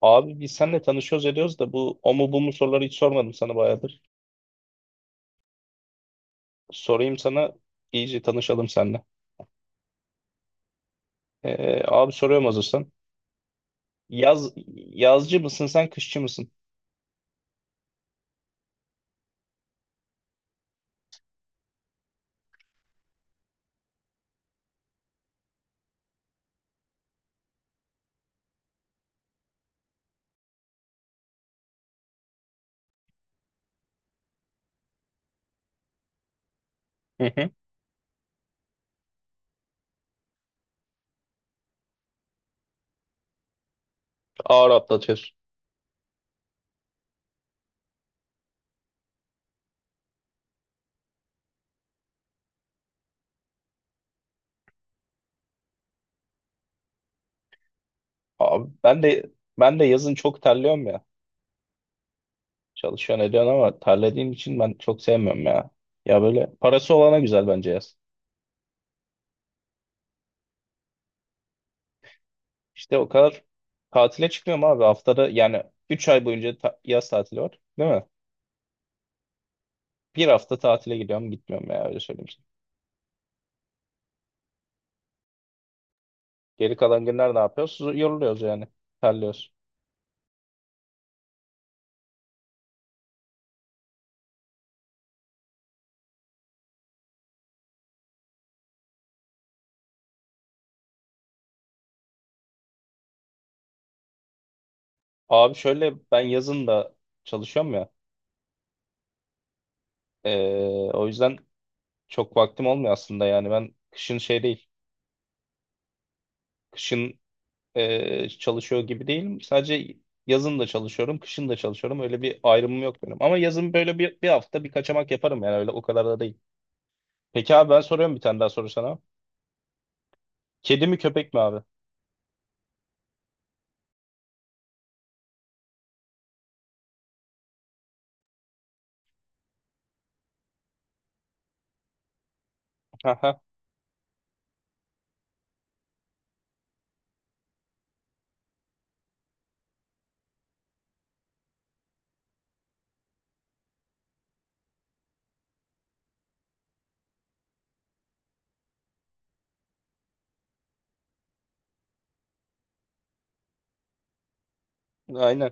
Abi biz seninle tanışıyoruz ediyoruz da bu o mu bu mu soruları hiç sormadım sana bayağıdır. Sorayım sana iyice tanışalım seninle. Abi soruyorum hazırsan. Yaz, Yazcı mısın sen kışçı mısın? Hı hı. Ağır atlatıyorsun. Abi ben de yazın çok terliyorum ya. Çalışıyorsun ediyorsun ama terlediğim için ben çok sevmiyorum ya. Ya böyle parası olana güzel bence yaz. İşte o kadar tatile çıkmıyorum abi haftada yani 3 ay boyunca yaz tatili var değil mi? Bir hafta tatile gidiyorum gitmiyorum ya öyle söyleyeyim. Geri kalan günler ne yapıyoruz? Yoruluyoruz yani. Terliyoruz. Abi şöyle ben yazın da çalışıyorum ya. O yüzden çok vaktim olmuyor aslında yani. Ben kışın şey değil. Kışın çalışıyor gibi değilim. Sadece yazın da çalışıyorum. Kışın da çalışıyorum. Öyle bir ayrımım yok benim. Ama yazın böyle bir hafta bir kaçamak yaparım yani. Öyle o kadar da değil. Peki abi ben soruyorum bir tane daha soru sana. Kedi mi köpek mi abi? Aha, aynen.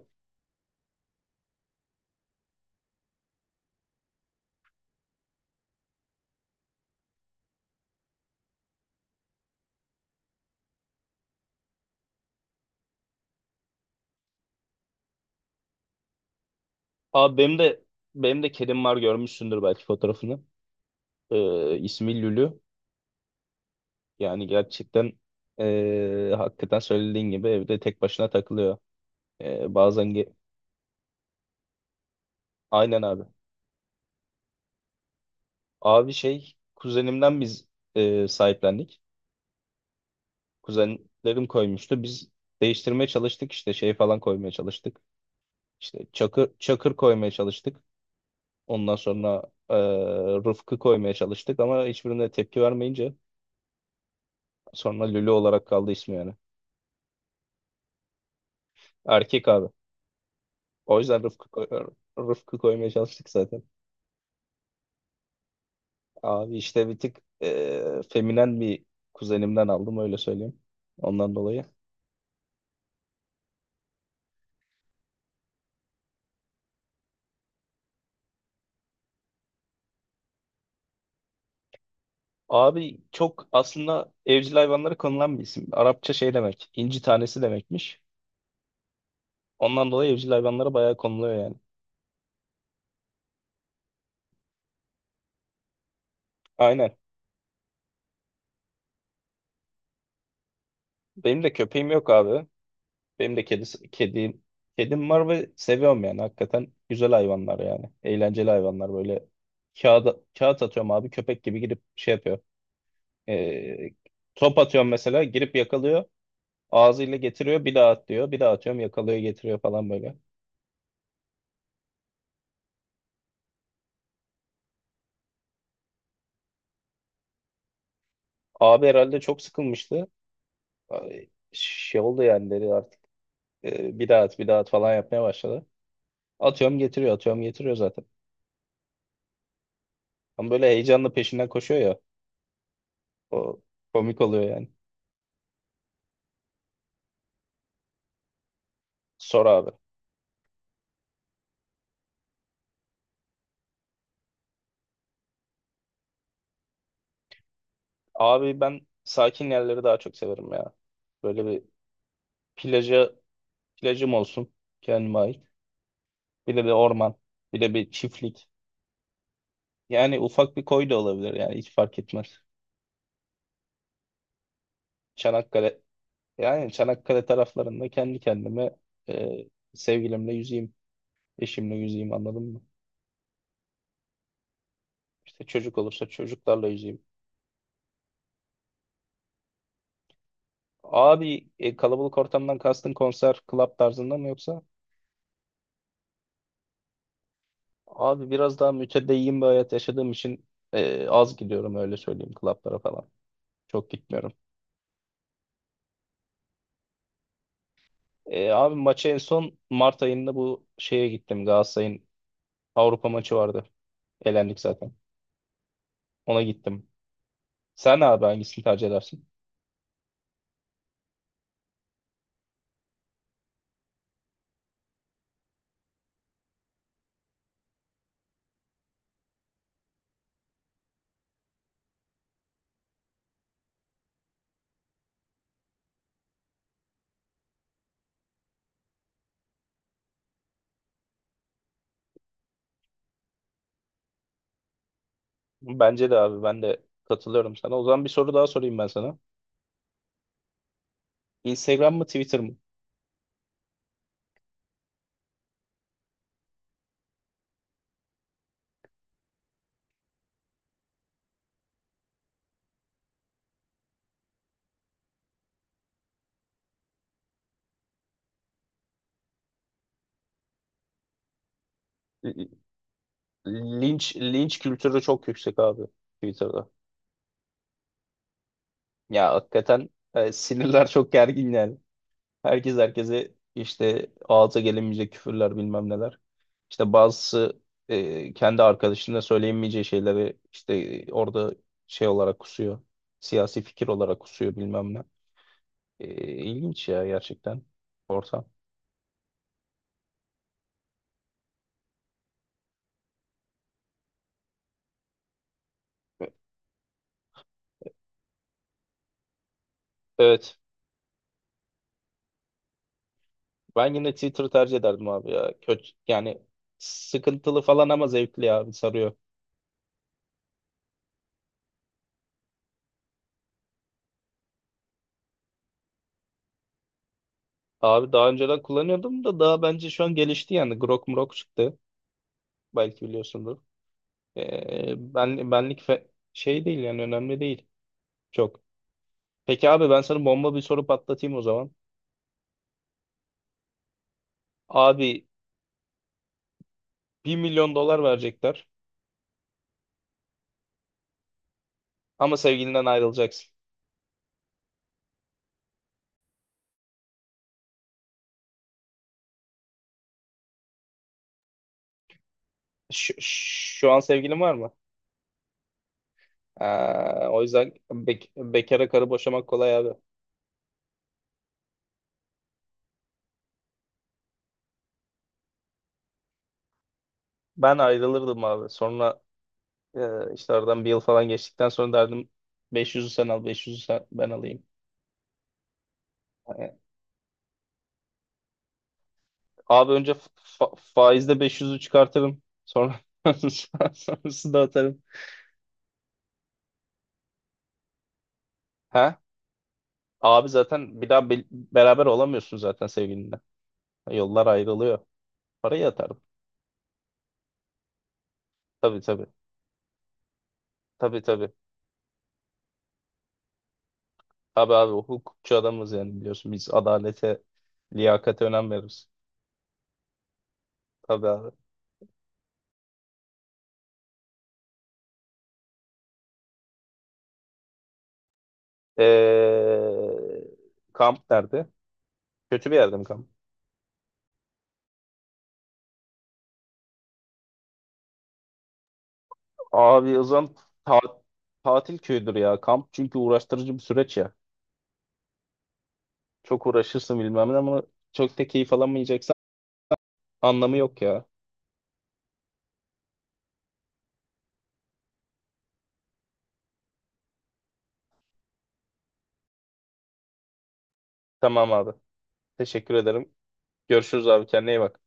Abi benim de kedim var görmüşsündür belki fotoğrafını. İsmi Lülü. Yani gerçekten hakikaten söylediğin gibi evde tek başına takılıyor. Eee, bazen ge- aynen abi. Abi şey kuzenimden biz sahiplendik. Kuzenlerim koymuştu. Biz değiştirmeye çalıştık işte şey falan koymaya çalıştık. İşte çakır koymaya çalıştık. Ondan sonra eee Rıfkı koymaya çalıştık ama hiçbirine tepki vermeyince sonra Lülü olarak kaldı ismi yani. Erkek abi. O yüzden Rıfkı koymaya çalıştık zaten. Abi işte bir tık feminen bir kuzenimden aldım öyle söyleyeyim. Ondan dolayı. Abi çok aslında evcil hayvanlara konulan bir isim. Arapça şey demek. İnci tanesi demekmiş. Ondan dolayı evcil hayvanlara bayağı konuluyor yani. Aynen. Benim de köpeğim yok abi. Benim de kedim var ve seviyorum yani. Hakikaten güzel hayvanlar yani. Eğlenceli hayvanlar böyle. Kağıt atıyorum abi köpek gibi girip şey yapıyor. E, Top atıyorum mesela girip yakalıyor. Ağzıyla getiriyor bir daha at diyor. Bir daha atıyorum yakalıyor getiriyor falan böyle. Abi herhalde çok sıkılmıştı. Ay, şey oldu yani dedi artık bir daha at bir daha at falan yapmaya başladı. Atıyorum getiriyor atıyorum getiriyor zaten. Ama böyle heyecanla peşinden koşuyor ya. O komik oluyor yani. Sor abi. Abi ben sakin yerleri daha çok severim ya. Böyle bir plaja, plajım olsun kendime ait. Bir de bir orman. Bir de bir çiftlik. Yani ufak bir koy da olabilir yani hiç fark etmez. Çanakkale Yani Çanakkale taraflarında kendi kendime e, sevgilimle yüzeyim, eşimle yüzeyim anladın mı? İşte çocuk olursa çocuklarla yüzeyim. Abi kalabalık ortamdan kastın konser, club tarzında mı yoksa? Abi biraz daha mütedeyyin bir hayat yaşadığım için az gidiyorum öyle söyleyeyim clublara falan. Çok gitmiyorum. Abi maça en son Mart ayında bu şeye gittim. Galatasaray'ın Avrupa maçı vardı. Elendik zaten. Ona gittim. Sen abi hangisini tercih edersin? Bence de abi ben de katılıyorum sana. O zaman bir soru daha sorayım ben sana. Instagram mı Twitter mı? L- linç kültürü çok yüksek abi Twitter'da. Ya hakikaten sinirler çok gergin yani. Herkes herkese işte ağza gelemeyecek küfürler bilmem neler. İşte bazısı kendi arkadaşına söyleyemeyeceği şeyleri işte orada şey olarak kusuyor. Siyasi fikir olarak kusuyor bilmem ne. E, ilginç ya gerçekten ortam. Evet. Ben yine Twitter'ı tercih ederdim abi ya. Kötü yani sıkıntılı falan ama zevkli abi sarıyor. Abi daha önceden kullanıyordum da daha bence şu an gelişti yani. Grok mrok çıktı. Belki biliyorsundur. Ee, ben, benlik fe- Şey değil yani önemli değil. Çok. Peki abi ben sana bomba bir soru patlatayım o zaman. Abi 1.000.000 dolar verecekler ama sevgilinden ayrılacaksın. Şu an sevgilin var mı? Bekara karı boşamak kolay abi. Ben ayrılırdım abi. Sonra işte aradan bir yıl falan geçtikten sonra derdim 500'ü sen al 500'ü sen, ben alayım. Yani, Abi önce faizde 500'ü çıkartırım sonra sonrasını da atarım. Ha? Abi zaten bir daha beraber olamıyorsun zaten sevgilinle. Yollar ayrılıyor. Parayı atarım. Tabii tabii. Tabii tabii. Tabii abi hukukçu adamız yani biliyorsun biz adalete liyakate önem veririz. Tabii abi. Ee, Kamp nerede? Kötü bir yerde mi kamp? Abi o zaman ta- tatil köyüdür ya kamp. Çünkü uğraştırıcı bir süreç ya. Çok uğraşırsın bilmem ne ama çok da keyif alamayacaksan anlamı yok ya. Tamam abi. Teşekkür ederim. Görüşürüz abi kendine iyi bak.